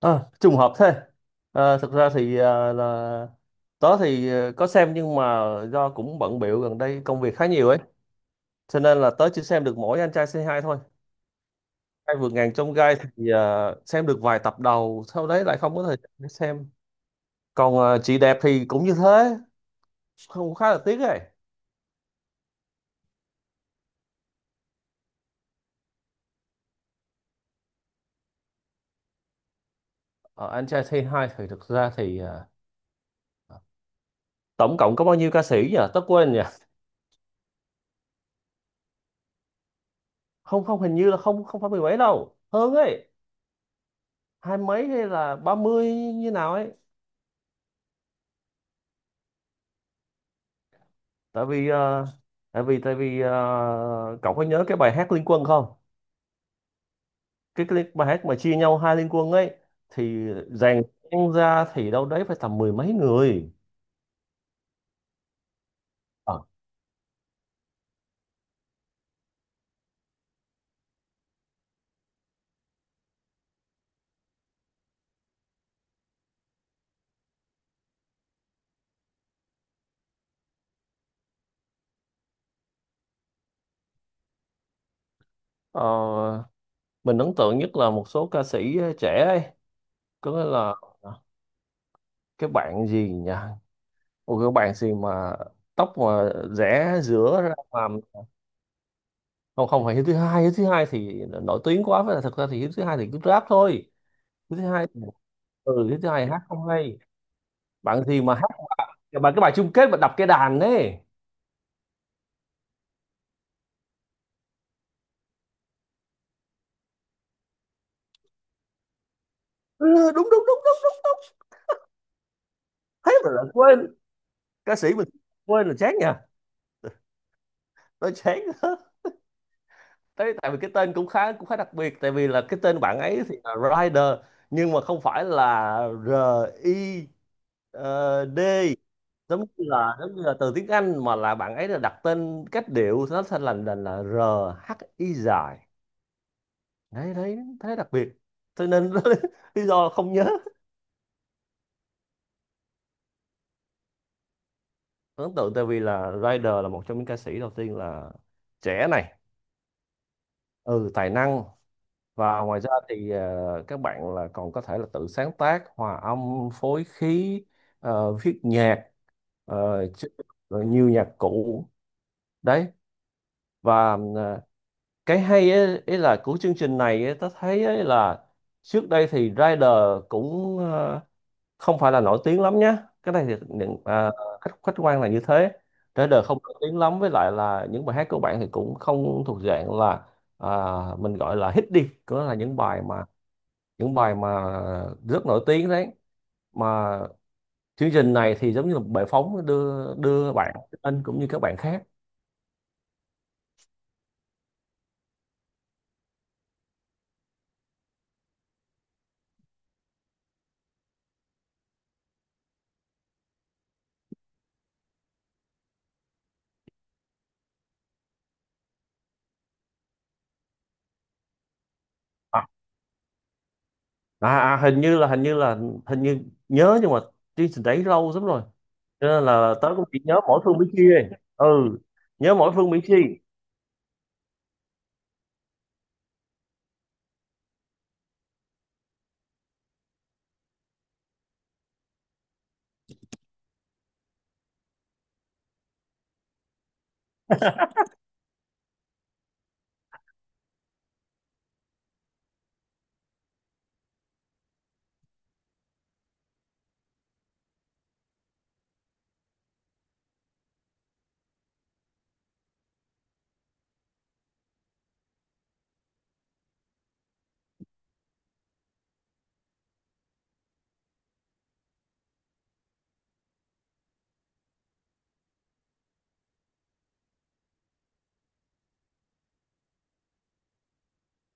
Ờ, Trùng hợp thế. Thực ra thì ờ, là tớ thì có xem nhưng mà do cũng bận bịu gần đây công việc khá nhiều ấy, cho nên là tớ chỉ xem được mỗi anh trai Say Hi thôi. Hai vượt ngàn chông gai thì xem được vài tập đầu, sau đấy lại không có thời gian để xem. Còn chị đẹp thì cũng như thế, không khá là tiếc ấy. Ờ, anh trai Say Hi thì thực ra thì tổng cộng có bao nhiêu ca sĩ nhỉ? Tớ quên nhỉ. Không không, hình như là không không phải mười mấy đâu, hơn ấy, hai mấy hay là ba mươi như nào ấy. Tại vì tại vì cậu có nhớ cái bài hát Liên Quân không? Cái bài hát mà chia nhau hai Liên Quân ấy thì dàn nhạc ra thì đâu đấy phải tầm mười mấy người. Ờ, Ờ, mình ấn tượng nhất là một số ca sĩ trẻ ấy, có nghĩa là ờ, cái bạn gì nhỉ, một cái bạn gì mà tóc mà rẽ giữa ra mà. Không không phải hiếu thứ hai, hiếu thứ hai thì nổi tiếng quá, với là thật ra thì hiếu thứ hai thì cứ rap thôi. Hiếu thứ hai, ừ hiếu thứ hai hát không hay. Bạn gì mà hát bài chung kết mà đập cái đàn đấy. Ừ, đúng đúng đúng đúng đúng đúng. Thế mà lại quên. Ca sĩ mình quên là chán nha. Tôi chán đó. Thế tại vì cái tên cũng khá, cũng khá đặc biệt, tại vì là cái tên bạn ấy thì là Rider, nhưng mà không phải là R, I, D, giống như là từ tiếng Anh, mà là bạn ấy là đặt tên cách điệu nó thành là R, H, I dài. Đấy đấy, thế đặc biệt cho nên lý do không nhớ. Ấn tượng tại vì là Rider là một trong những ca sĩ đầu tiên là trẻ này, ừ tài năng, và ngoài ra thì các bạn là còn có thể là tự sáng tác, hòa âm phối khí, viết nhạc, ờ, chứ- rồi nhiều nhạc cụ đấy. Và cái hay ấy, ấy là của chương trình này ấy, ta thấy ấy là trước đây thì Rider cũng không phải là nổi tiếng lắm nhé. Cái này thì những khách khách quan là như thế. Trên đời không nổi tiếng lắm, với lại là những bài hát của bạn thì cũng không thuộc dạng là à, mình gọi là hit đi, có là những bài mà, những bài mà rất nổi tiếng đấy mà. Chương trình này thì giống như là một bệ phóng đưa, đưa bạn anh cũng như các bạn khác. à, Hình như là, hình như là, hình như nhớ, nhưng mà chương trình đấy lâu lắm rồi, cho nên là tớ cũng chỉ nhớ mỗi phương Mỹ Chi ấy. Ừ, nhớ mỗi phương Mỹ Chi.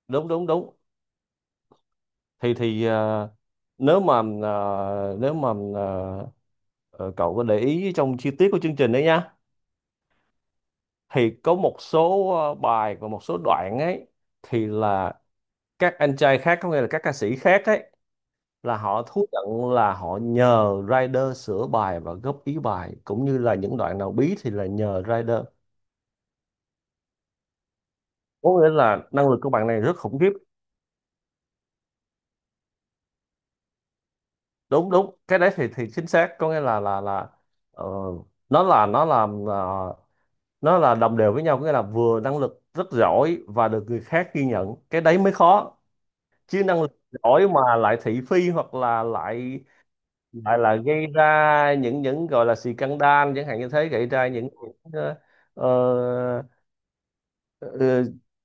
Đúng đúng đúng, thì nếu mà nếu mà ờ, cậu có để ý trong chi tiết của chương trình đấy nha, thì có một số bài và một số đoạn ấy, thì là các anh trai khác, có nghĩa là các ca sĩ khác ấy, là họ thú nhận là họ nhờ rider sửa bài và góp ý bài, cũng như là những đoạn nào bí thì là nhờ rider. Có nghĩa là năng lực của bạn này rất khủng khiếp. Đúng đúng, cái đấy thì chính xác, có nghĩa là, ờ, nó là nó làm, nó là đồng đều với nhau, có nghĩa là vừa năng lực rất giỏi và được người khác ghi nhận, cái đấy mới khó. Chứ năng lực giỏi mà lại thị phi hoặc là lại, lại là gây ra những gọi là scandal chẳng hạn như thế, gây ra những ờ, ờ,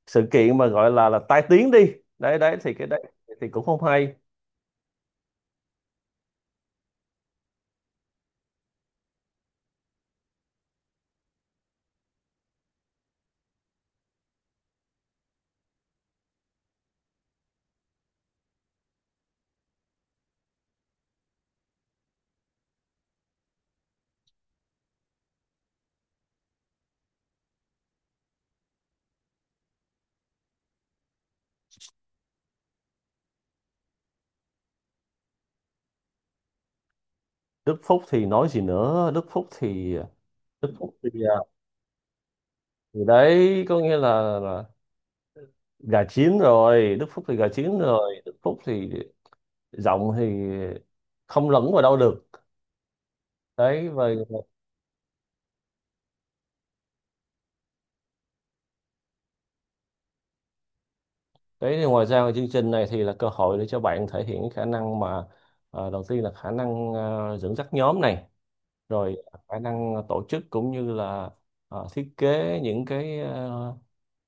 sự kiện mà gọi là tai tiếng đi, đấy đấy thì cái đấy thì cũng không hay. Đức Phúc thì nói gì nữa, Đức Phúc thì, thì đấy có nghĩa là gà chín rồi, Đức Phúc thì gà chín rồi, Đức Phúc thì giọng thì không lẫn vào đâu được. Đấy, và đấy thì ngoài ra chương trình này thì là cơ hội để cho bạn thể hiện cái khả năng mà đầu tiên là khả năng dẫn dắt nhóm này, rồi khả năng tổ chức cũng như là thiết kế những cái ờ,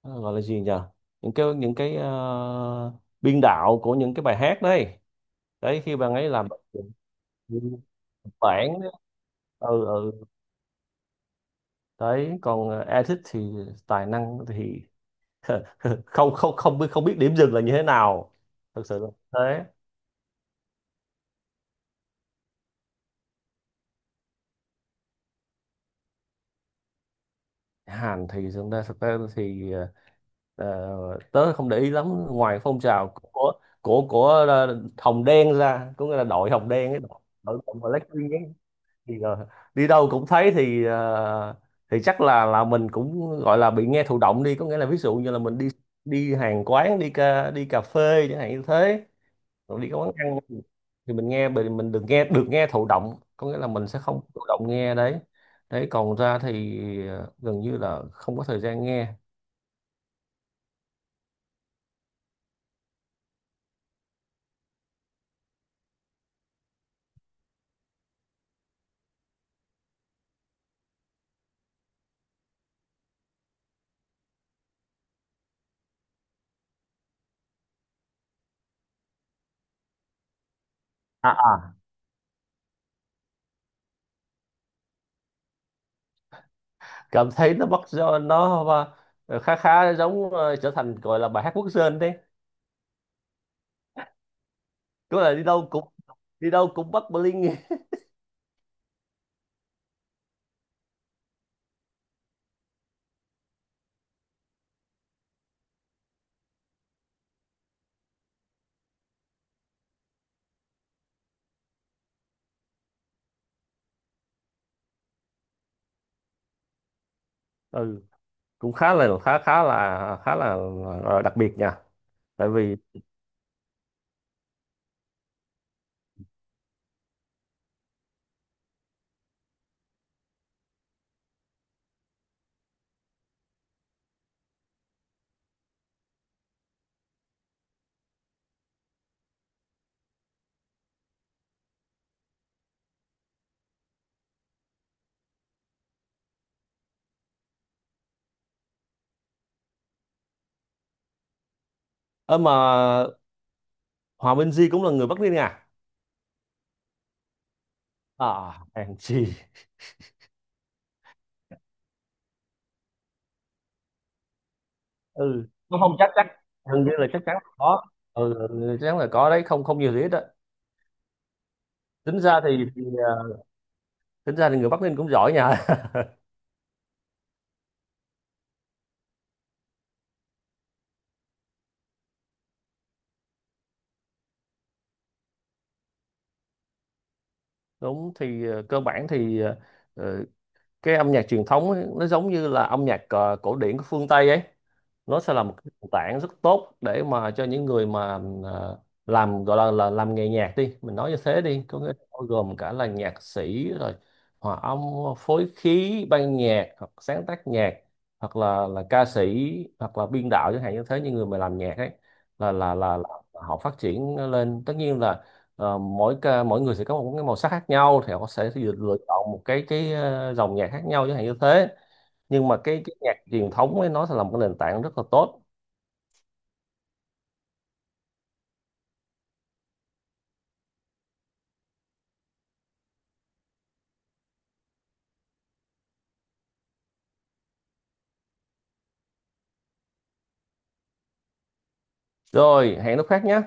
ờ, gọi là gì nhỉ, những cái, những cái biên đạo của những cái bài hát đấy. Đấy khi bạn ấy làm bản. Ừ, ừ. Đấy còn Edit thì tài năng thì không không, không biết, không biết điểm dừng là như thế nào. Thực sự là thế. Hàn thì thực ra, thực ra thì ờ, tớ không để ý lắm ngoài phong trào của của Hồng Đen ra, có nghĩa là đội Hồng Đen ấy, đội đội của Blackpink ấy, thì đi đâu cũng thấy, thì thì chắc là mình cũng gọi là bị nghe thụ động đi, có nghĩa là ví dụ như là mình đi, đi hàng quán, đi ca, đi cà phê chẳng hạn như thế, còn đi quán ăn thì mình nghe mình đừng nghe được, nghe thụ động có nghĩa là mình sẽ không thụ động nghe đấy. Đấy còn ra thì gần như là không có thời gian nghe. à, à. Cảm thấy nó bắt, do nó khá khá giống trở thành gọi là bài hát quốc dân đấy. Cứ là đi đâu cũng, đi đâu cũng bắt bling. Ừ cũng khá là, khá khá là, khá là đặc biệt nha. Tại vì ơ mà Hòa Minh Di cũng là người Bắc Ninh à? À Angie. Ừ không không, chắc chắc, hình như là, chắc chắn là có. Ừ, ừ, chắc chắn là có đấy, không không nhiều thì ít đó. tính ra thì, thì à, Tính ra thì người Bắc Ninh cũng giỏi nha. Đúng, thì cơ bản thì ờ, cái âm nhạc truyền thống ấy, nó giống như là âm nhạc cổ điển của phương Tây ấy, nó sẽ là một cái nền tảng rất tốt để mà cho những người mà làm gọi là làm nghề nhạc đi, mình nói như thế đi, có nghĩa là bao gồm cả là nhạc sĩ, rồi hòa âm phối khí ban nhạc hoặc sáng tác nhạc, hoặc là ca sĩ, hoặc là biên đạo chẳng hạn như thế, những người mà làm nhạc ấy là là họ phát triển lên. Tất nhiên là Ờ, mỗi ca, mỗi người sẽ có một cái màu sắc khác nhau, thì họ sẽ lựa lựa chọn một cái dòng nhạc khác nhau chẳng hạn như thế. Nhưng mà cái nhạc truyền thống ấy nó sẽ là một cái nền tảng rất là tốt. Rồi hẹn lúc khác nhé.